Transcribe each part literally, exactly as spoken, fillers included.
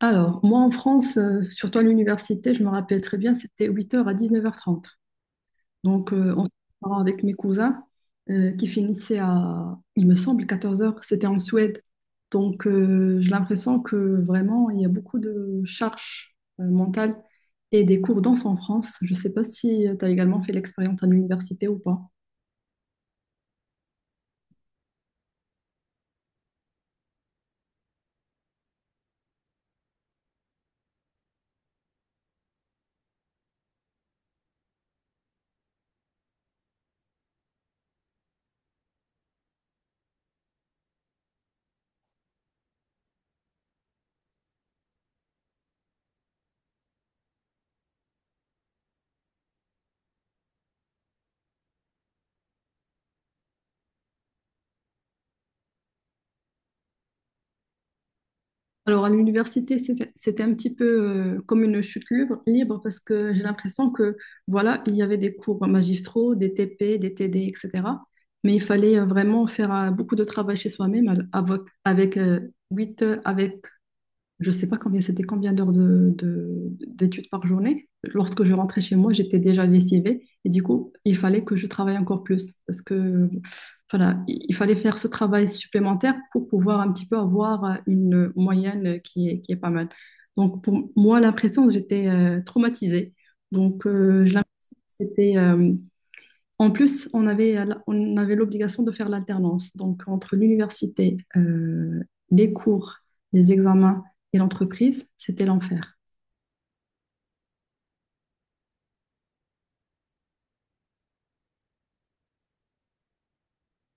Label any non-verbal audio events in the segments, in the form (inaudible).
Alors, moi en France, euh, surtout à l'université, je me rappelle très bien, c'était huit heures à dix-neuf heures trente. Donc, euh, on se prépare avec mes cousins euh, qui finissaient à, il me semble, quatorze heures. C'était en Suède. Donc, euh, j'ai l'impression que vraiment, il y a beaucoup de charges euh, mentales et des cours danse en France. Je ne sais pas si tu as également fait l'expérience à l'université ou pas. Alors, à l'université, c'était c'était un petit peu euh, comme une chute libre, libre parce que j'ai l'impression que, voilà, il y avait des cours magistraux, des T P, des T D, et cetera. Mais il fallait euh, vraiment faire euh, beaucoup de travail chez soi-même al- avec, avec, huit, je sais pas combien c'était combien d'heures de, de- d'études par journée. Lorsque je rentrais chez moi, j'étais déjà lessivée et du coup, il fallait que je travaille encore plus parce que voilà, il il fallait faire ce travail supplémentaire pour pouvoir un petit peu avoir euh, une moyenne qui est, qui est pas mal. Donc pour moi, la pression, j'étais euh, traumatisée. Donc euh, je l'impression que c'était euh, en plus, on avait, on avait l'obligation de faire l'alternance. Donc, entre l'université, euh, les cours, les examens et l'entreprise, c'était l'enfer.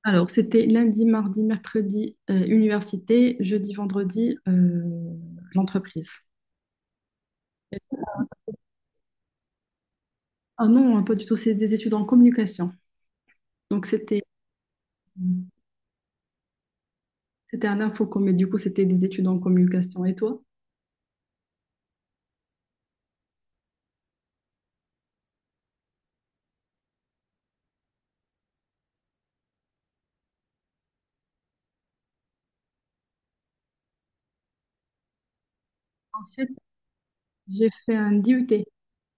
Alors, c'était lundi, mardi, mercredi, euh, université, jeudi, vendredi, euh, l'entreprise. Ah non, hein, pas du tout, c'est des études en communication. Donc, c'était c'était à l'infocom, mais du coup, c'était des études en communication. Et toi? En fait, j'ai fait un D U T.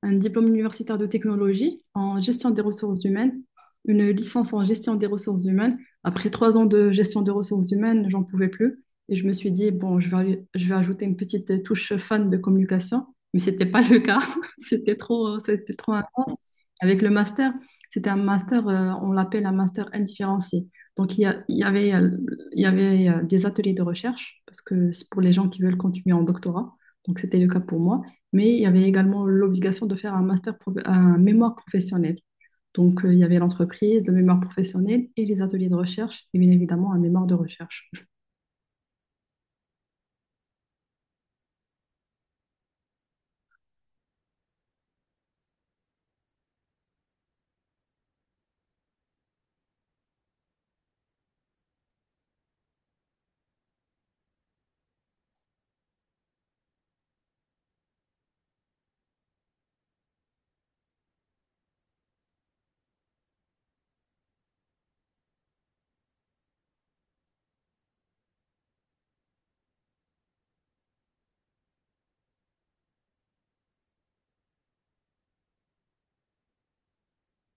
Un diplôme universitaire de technologie en gestion des ressources humaines, une licence en gestion des ressources humaines. Après trois ans de gestion des ressources humaines, j'en pouvais plus. Et je me suis dit, bon, je vais, je vais ajouter une petite touche fan de communication. Mais ce n'était pas le cas. (laughs) c'était trop, c'était trop intense. Avec le master, c'était un master, euh, on l'appelle un master indifférencié. Donc, il y, a- il y avait, euh, il y avait euh, des ateliers de recherche, parce que c'est pour les gens qui veulent continuer en doctorat. Donc, c'était le cas pour moi. Mais il y avait également l'obligation de faire un master, prof- un mémoire professionnel. Donc, euh, il y avait l'entreprise, le mémoire professionnel et les ateliers de recherche, et bien évidemment un mémoire de recherche.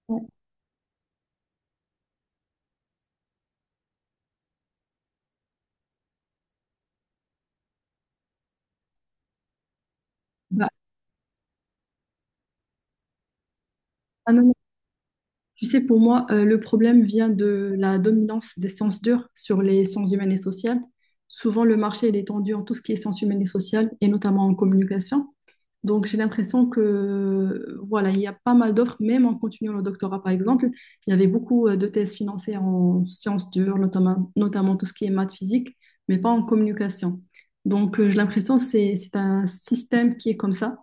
Ouais. Bah, ah non, non. Tu sais, pour moi, euh, le problème vient de la dominance des sciences dures sur les sciences humaines et sociales. Souvent, le marché il est tendu en tout ce qui est sciences humaines et sociales, et notamment en communication. Donc, j'ai l'impression que, voilà, il y a pas mal d'offres, même en continuant le doctorat, par exemple. Il y avait beaucoup euh, de thèses financées en sciences dures, notamment, notamment tout ce qui est maths physique, mais pas en communication. Donc, euh, j'ai l'impression que c'est, c'est un système qui est comme ça,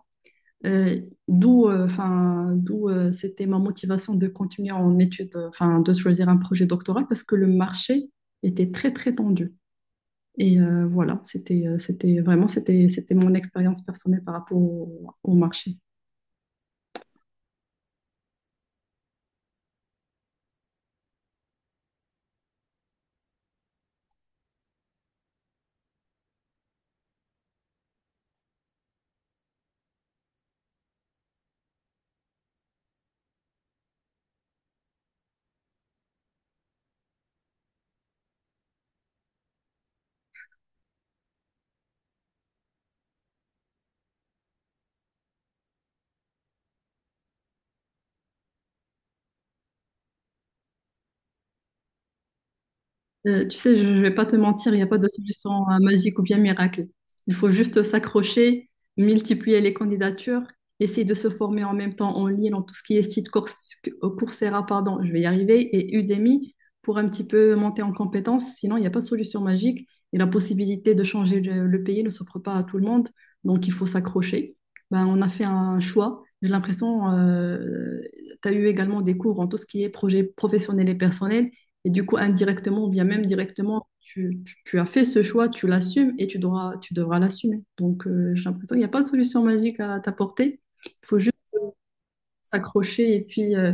euh, d'où euh, enfin, d'où euh, c'était ma motivation de continuer en études, enfin, de choisir un projet doctoral, parce que le marché était très, très tendu. Et euh, voilà, c'était, euh, c'était vraiment, c'était, c'était mon expérience personnelle par rapport au, au marché. Euh, tu sais, je ne vais pas te mentir, il n'y a pas de solution euh, magique ou bien miracle. Il faut juste s'accrocher, multiplier les candidatures, essayer de se former en même temps en ligne, dans tout ce qui est site Cours- euh, Coursera, pardon, je vais y arriver, et Udemy pour un petit peu monter en compétence. Sinon, il n'y a pas de solution magique et la possibilité de changer le, le pays ne s'offre pas à tout le monde. Donc, il faut s'accrocher. Ben, on a fait un choix. J'ai l'impression, tu as eu également des cours en tout ce qui est projet professionnel et personnel. Et du coup, indirectement, ou bien même directement, tu, tu- tu as fait ce choix, tu l'assumes et tu devras, tu devras l'assumer. Donc, euh, j'ai l'impression qu'il n'y a pas de solution magique à t'apporter. Il faut juste s'accrocher. Et puis, euh,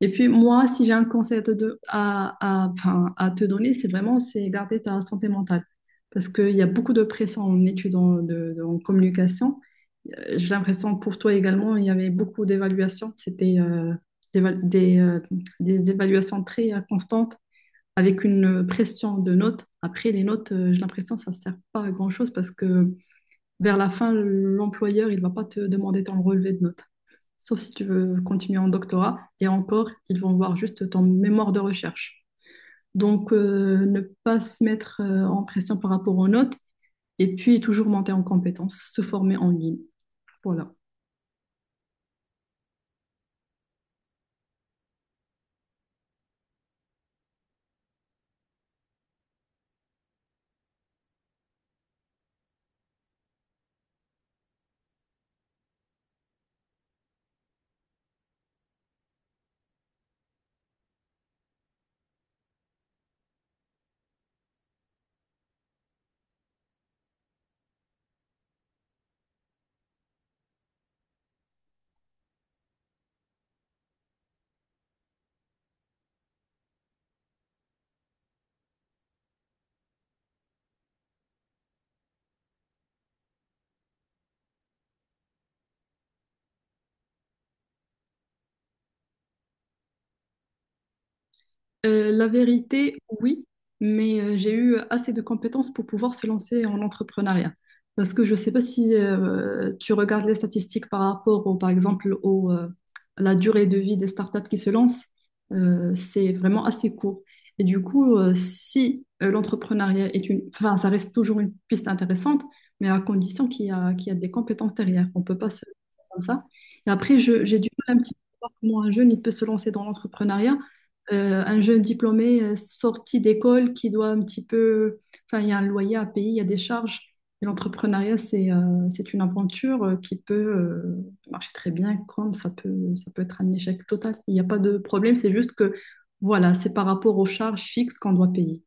et puis, moi, si j'ai un conseil à te, do- à, à- enfin, à te donner, c'est vraiment c'est garder ta santé mentale. Parce qu'il y a beaucoup de pression en études en, de- de- en communication. Euh, J'ai l'impression pour toi également, il y avait beaucoup d'évaluations. C'était euh, d'éva- des, euh, des évaluations très euh, constantes avec une pression de notes. Après, les notes, euh, j'ai l'impression que ça ne sert pas à grand-chose parce que vers la fin, l'employeur, il ne va pas te demander ton relevé de notes, sauf si tu veux continuer en doctorat. Et encore, ils vont voir juste ton mémoire de recherche. Donc, euh, ne pas se mettre euh, en pression par rapport aux notes et puis toujours monter en compétences, se former en ligne. Voilà. Euh, la vérité, oui, mais euh, j'ai eu assez de compétences pour pouvoir se lancer en entrepreneuriat. Parce que je ne sais pas si euh, tu regardes les statistiques par rapport, au, par exemple, au, euh, à la durée de vie des startups qui se lancent, euh, c'est vraiment assez court. Et du coup, euh, si euh, l'entrepreneuriat est une… Enfin, ça reste toujours une piste intéressante, mais à condition qu'il y a, qu'il y a des compétences derrière. On ne peut pas se lancer comme ça. Et après, je- j'ai du mal un petit peu à voir comment un jeune il peut se lancer dans l'entrepreneuriat euh, un jeune diplômé euh, sorti d'école qui doit un petit peu, enfin, il y a un loyer à payer, il y a des charges. Et l'entrepreneuriat, c'est euh, c'est une aventure euh, qui peut euh, marcher très bien, comme ça peut, ça peut être un échec total. Il n'y a pas de problème, c'est juste que, voilà, c'est par rapport aux charges fixes qu'on doit payer.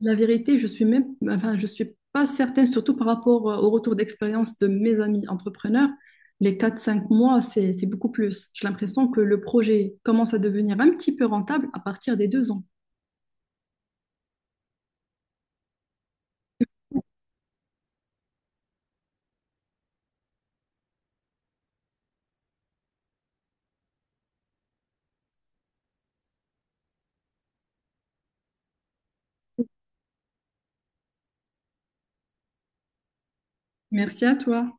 La vérité, je suis même, enfin, je suis pas certaine, surtout par rapport euh, au retour d'expérience de mes amis entrepreneurs. Les quatre, cinq mois, c'est, c'est beaucoup plus. J'ai l'impression que le projet commence à devenir un petit peu rentable à partir des deux ans. Merci à toi.